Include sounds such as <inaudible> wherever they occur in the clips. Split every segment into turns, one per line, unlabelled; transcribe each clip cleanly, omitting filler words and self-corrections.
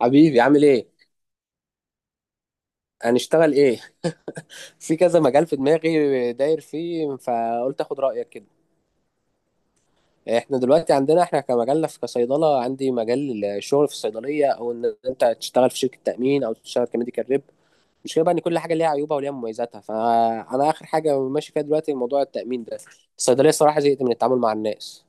حبيبي، عامل ايه؟ هنشتغل ايه؟ <laughs> في كذا مجال في دماغي داير فيه، فقلت اخد رايك كده. احنا دلوقتي عندنا كمجالنا في كصيدله، عندي مجال الشغل في الصيدليه، او ان انت تشتغل في شركه تامين او تشتغل كميديكال ريب. مش كده بقى، ان كل حاجه ليها عيوبها وليها مميزاتها، فانا اخر حاجه ماشي فيها دلوقتي موضوع التامين ده. الصيدليه الصراحه زهقت من التعامل مع الناس.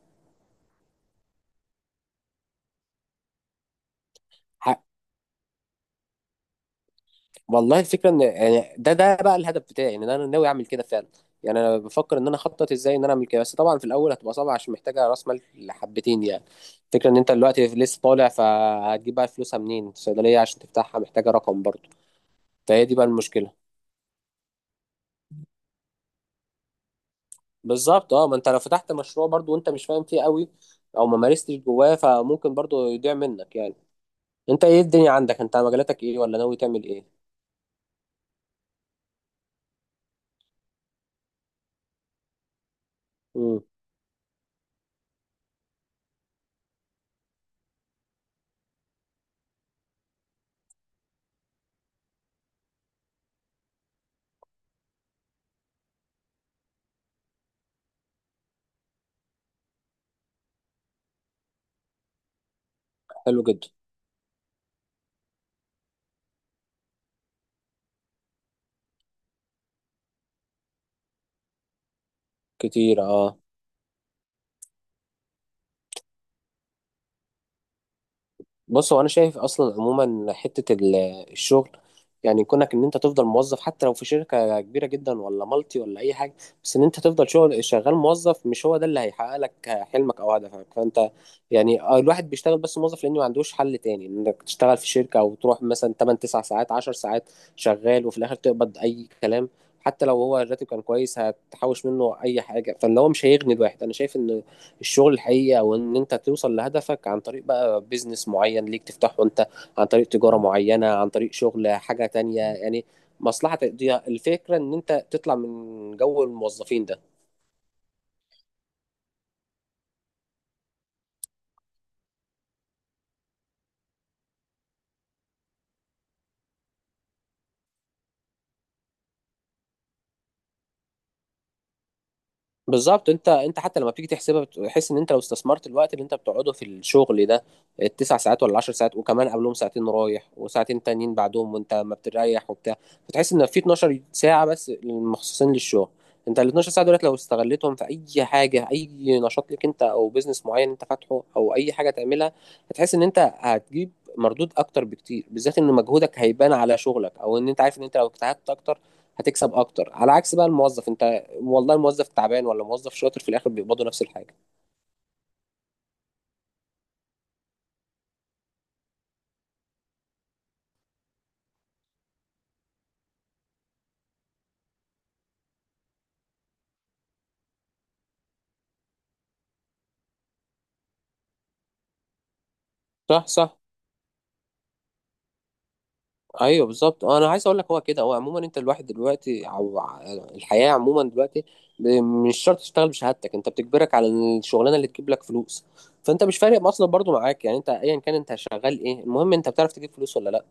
والله الفكره ان يعني ده بقى الهدف بتاعي، ان انا ناوي اعمل كده فعلا. يعني انا بفكر ان انا اخطط ازاي ان انا اعمل كده، بس طبعا في الاول هتبقى صعبه، عشان محتاجه راس مال حبتين يعني. الفكره ان انت دلوقتي لسه طالع، فهتجيب بقى فلوسها منين؟ الصيدليه عشان تفتحها محتاجه رقم برضه. فهي دي بقى المشكله. بالظبط اه، ما انت لو فتحت مشروع برضه وانت مش فاهم فيه قوي او ما مارستش جواه، فممكن برضه يضيع منك يعني. انت ايه الدنيا عندك؟ انت مجالاتك ايه ولا ناوي تعمل ايه؟ امم. حلو جدا. كتير اه. بص، هو انا شايف اصلا عموما حته الشغل، يعني كونك ان انت تفضل موظف حتى لو في شركه كبيره جدا ولا مالتي ولا اي حاجه، بس ان انت تفضل شغال موظف، مش هو ده اللي هيحقق لك حلمك او هدفك. فانت يعني آه، الواحد بيشتغل بس موظف لانه ما عندوش حل تاني. انك تشتغل في شركه او تروح مثلا 8 9 ساعات 10 ساعات شغال، وفي الاخر تقبض اي كلام. حتى لو هو الراتب كان كويس، هتحوش منه اي حاجه؟ فاللي هو مش هيغني الواحد. انا شايف ان الشغل الحقيقي او ان انت توصل لهدفك عن طريق بقى بيزنس معين ليك تفتحه انت، عن طريق تجاره معينه، عن طريق شغل حاجه تانية يعني، مصلحه تقضيها. الفكره ان انت تطلع من جو الموظفين ده. بالظبط. انت حتى لما بتيجي تحسبها، بتحس ان انت لو استثمرت الوقت اللي انت بتقعده في الشغل ده، التسع ساعات ولا العشر ساعات، وكمان قبلهم ساعتين رايح وساعتين تانيين بعدهم، وانت ما بتريح وبتاع، فتحس ان في 12 ساعة بس مخصصين للشغل. انت ال 12 ساعة دولت لو استغلتهم في اي حاجة، اي نشاط ليك انت او بيزنس معين انت فاتحه او اي حاجة تعملها، هتحس ان انت هتجيب مردود اكتر بكتير، بالذات ان مجهودك هيبان على شغلك، او ان انت عارف ان انت لو اجتهدت اكتر هتكسب اكتر، على عكس بقى الموظف. انت والله الموظف تعبان ولا موظف شاطر، في الاخر بيقبضوا نفس الحاجه. صح، صح. ايوه بالظبط، انا عايز اقول لك هو كده. هو عموما انت الواحد دلوقتي او الحياه عموما دلوقتي، ب- مش شرط تشتغل بشهادتك، انت بتجبرك على الشغلانه اللي تجيب لك فلوس. فانت مش فارق اصلا برضو معاك، يعني انت ايا كان انت شغال ايه، المهم انت بتعرف تجيب فلوس ولا لا.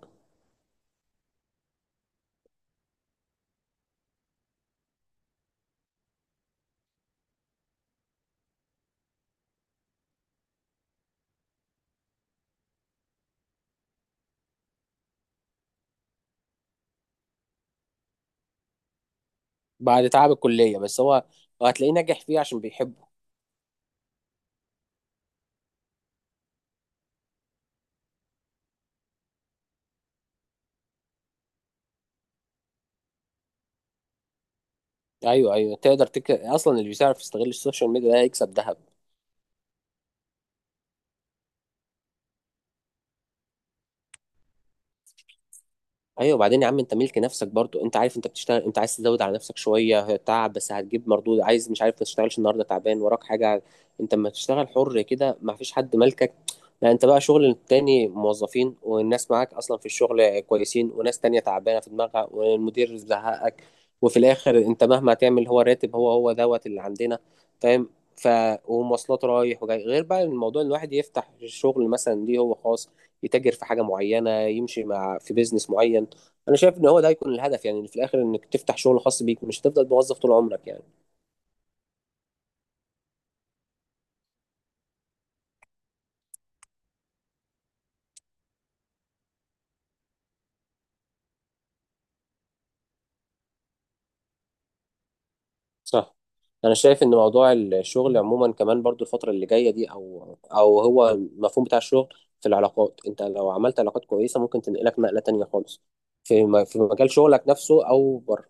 بعد تعب الكليه بس، هو هتلاقيه ناجح فيه عشان بيحبه. ايوه، ايوه، تقدر اصلا اللي بيعرف يستغل السوشيال ميديا ده هيكسب ذهب. ايوه، وبعدين يا عم انت ملك نفسك برضو، انت عارف انت بتشتغل، انت عايز تزود على نفسك شويه تعب بس هتجيب مردود. عايز مش عارف، ما تشتغلش النهارده تعبان وراك حاجه. انت لما تشتغل حر كده ما فيش حد مالكك. لا انت بقى شغل التاني، موظفين والناس معاك اصلا في الشغل كويسين، وناس تانية تعبانه في دماغها والمدير زهقك، وفي الاخر انت مهما تعمل هو راتب، هو هو دوت اللي عندنا. فاهم؟ ف، ومواصلات رايح وجاي، غير بقى الموضوع ان الواحد يفتح شغل مثلا ليه هو خاص، يتاجر في حاجه معينه، يمشي مع في بيزنس معين. انا شايف ان هو ده هيكون الهدف، يعني في الاخر انك تفتح شغل خاص بيك، مش هتفضل موظف طول عمرك يعني. صح. انا شايف ان موضوع الشغل عموما كمان برضو الفتره اللي جايه دي، او او هو المفهوم بتاع الشغل في العلاقات. انت لو عملت علاقات كويسه ممكن تنقلك نقله تانية خالص. في في مجال شغلك نفسه او بره.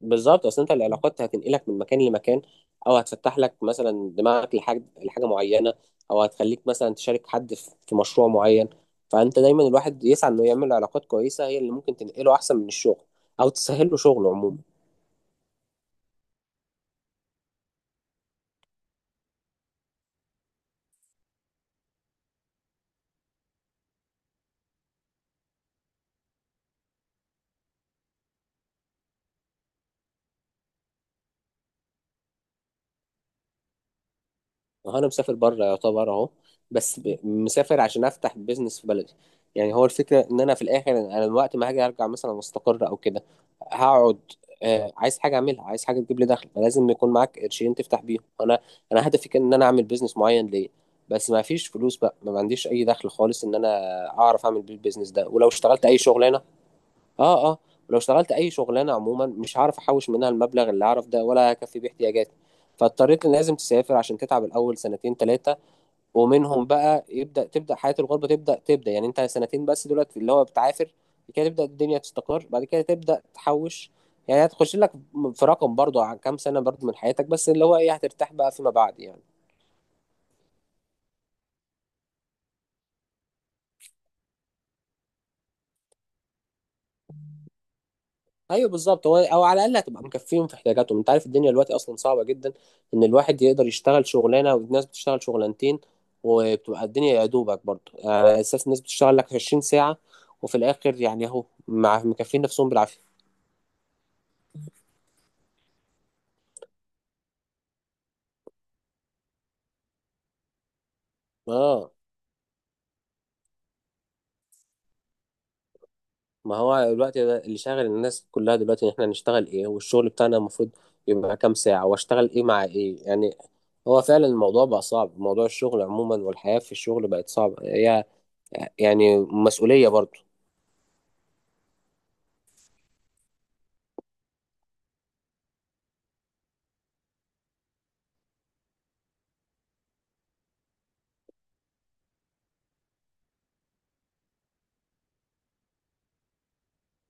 بالظبط، اصل انت العلاقات هتنقلك من مكان لمكان، او هتفتح لك مثلا دماغك لحاجه معينه، او هتخليك مثلا تشارك حد في مشروع معين. فانت دايما الواحد يسعى انه يعمل علاقات كويسه، هي اللي ممكن تنقله احسن من الشغل، او تسهل له شغله عموما. هو انا مسافر بره يعتبر اهو، بس مسافر عشان افتح بيزنس في بلدي. يعني هو الفكره ان انا في الاخر، انا الوقت ما هاجي ارجع مثلا مستقر او كده، هقعد آه، عايز حاجه اعملها، عايز حاجه تجيب لي دخل. فلازم يكون معاك قرشين تفتح بيهم. انا انا هدفي كان ان انا اعمل بيزنس معين ليا، بس ما فيش فلوس بقى، ما عنديش اي دخل خالص ان انا اعرف اعمل بيه البيزنس ده. ولو اشتغلت اي شغلانه، اه اه، ولو اشتغلت اي شغلانه عموما مش هعرف احوش منها المبلغ اللي اعرف ده، ولا هكفي بيه احتياجاتي. فاضطريت ان لازم تسافر عشان تتعب الاول سنتين ثلاثه، ومنهم بقى يبدا تبدا حياه الغربه، تبدا تبدا يعني. انت سنتين بس دلوقتي اللي هو بتعافر، بعد كده تبدا الدنيا تستقر، بعد كده تبدا تحوش. يعني هتخش لك في رقم برضو عن كام سنه برضو من حياتك، بس اللي هو ايه، هترتاح بقى فيما بعد يعني. ايوه بالظبط، هو او على الاقل هتبقى مكفيهم في احتياجاتهم. انت عارف الدنيا دلوقتي اصلا صعبه جدا، ان الواحد يقدر يشتغل شغلانه، والناس بتشتغل شغلانتين، وبتبقى الدنيا يا دوبك برضه. على اساس الناس بتشتغل لك 20 ساعه، وفي الاخر يعني اهو مع مكفين نفسهم بالعافيه. اه، ما هو دلوقتي ده اللي شاغل الناس كلها دلوقتي، ان احنا هنشتغل ايه، والشغل بتاعنا المفروض يبقى كام ساعه، واشتغل ايه مع ايه يعني. هو فعلا الموضوع بقى صعب، موضوع الشغل عموما والحياه في الشغل بقت صعبه، هي يعني مسؤوليه برضه.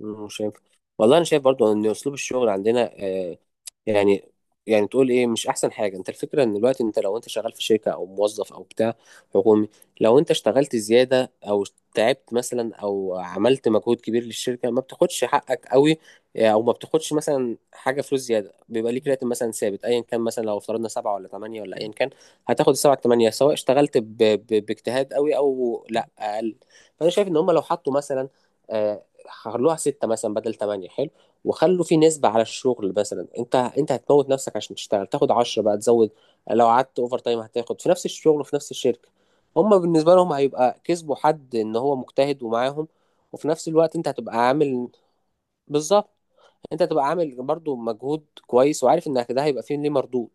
مم، شايف. والله انا شايف برضو ان اسلوب الشغل عندنا آه، يعني، يعني تقول ايه مش احسن حاجه. انت الفكره ان دلوقتي انت لو انت شغال في شركه او موظف او بتاع حكومي، لو انت اشتغلت زياده او تعبت مثلا او عملت مجهود كبير للشركه، ما بتاخدش حقك قوي. او ما بتاخدش مثلا حاجه فلوس زياده. بيبقى ليك راتب مثلا ثابت ايا كان، مثلا لو افترضنا سبعه ولا ثمانيه ولا ايا كان، هتاخد السبعه الثمانيه سواء اشتغلت باجتهاد قوي او لا اقل. فانا شايف ان هم لو حطوا مثلا آه، خلوها ستة مثلا بدل تمانية، حلو، وخلوا في نسبة على الشغل. مثلا انت هتموت نفسك عشان تشتغل تاخد عشرة بقى، تزود، لو قعدت اوفر تايم هتاخد في نفس الشغل وفي نفس الشركة. هما بالنسبة لهم هيبقى كسبوا حد ان هو مجتهد ومعاهم، وفي نفس الوقت انت هتبقى عامل. بالظبط، انت هتبقى عامل برضو مجهود كويس، وعارف انك ده هيبقى فيه ليه مردود.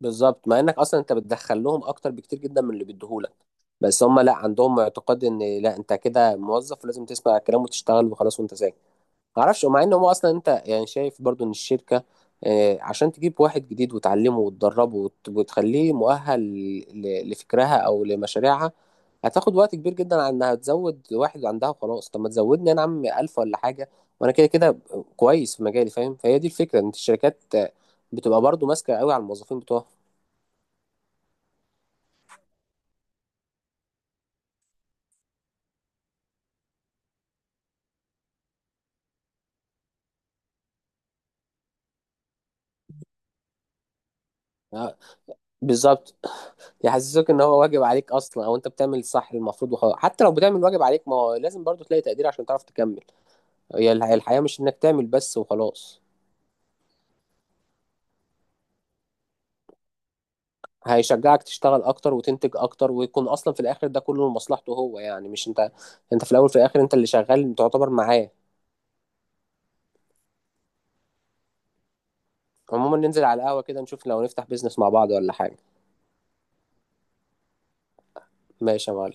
بالظبط، مع انك اصلا انت بتدخل لهم اكتر بكتير جدا من اللي بيديهولك، بس هم لا، عندهم اعتقاد ان لا انت كده موظف ولازم تسمع الكلام وتشتغل وخلاص، وانت ساكت. معرفش، ومع ان هو اصلا انت يعني شايف برضو ان الشركه عشان تجيب واحد جديد وتعلمه وتدربه وت- وتخليه مؤهل لفكرها او لمشاريعها، هتاخد وقت كبير جدا. على انها تزود واحد عندها وخلاص، طب ما تزودني انا يا عم 1000 ولا حاجه، وانا كده كده كويس في مجالي، فاهم. فهي دي الفكره، ان الشركات بتبقى برضو ماسكه قوي على الموظفين بتوعها. آه، بالظبط. يحسسوك ان هو واجب عليك اصلا، او انت بتعمل الصح المفروض وخلاص. حتى لو بتعمل واجب عليك، ما هو لازم برضو تلاقي تقدير عشان تعرف تكمل. هي الحياة مش انك تعمل بس وخلاص. هيشجعك تشتغل اكتر وتنتج اكتر، ويكون اصلا في الاخر ده كله لمصلحته هو، يعني مش انت. انت في الاول في الاخر انت اللي شغال تعتبر معاه. عموما ننزل على القهوة كده، نشوف لو نفتح بيزنس مع بعض ولا حاجة. ماشي يا معلم.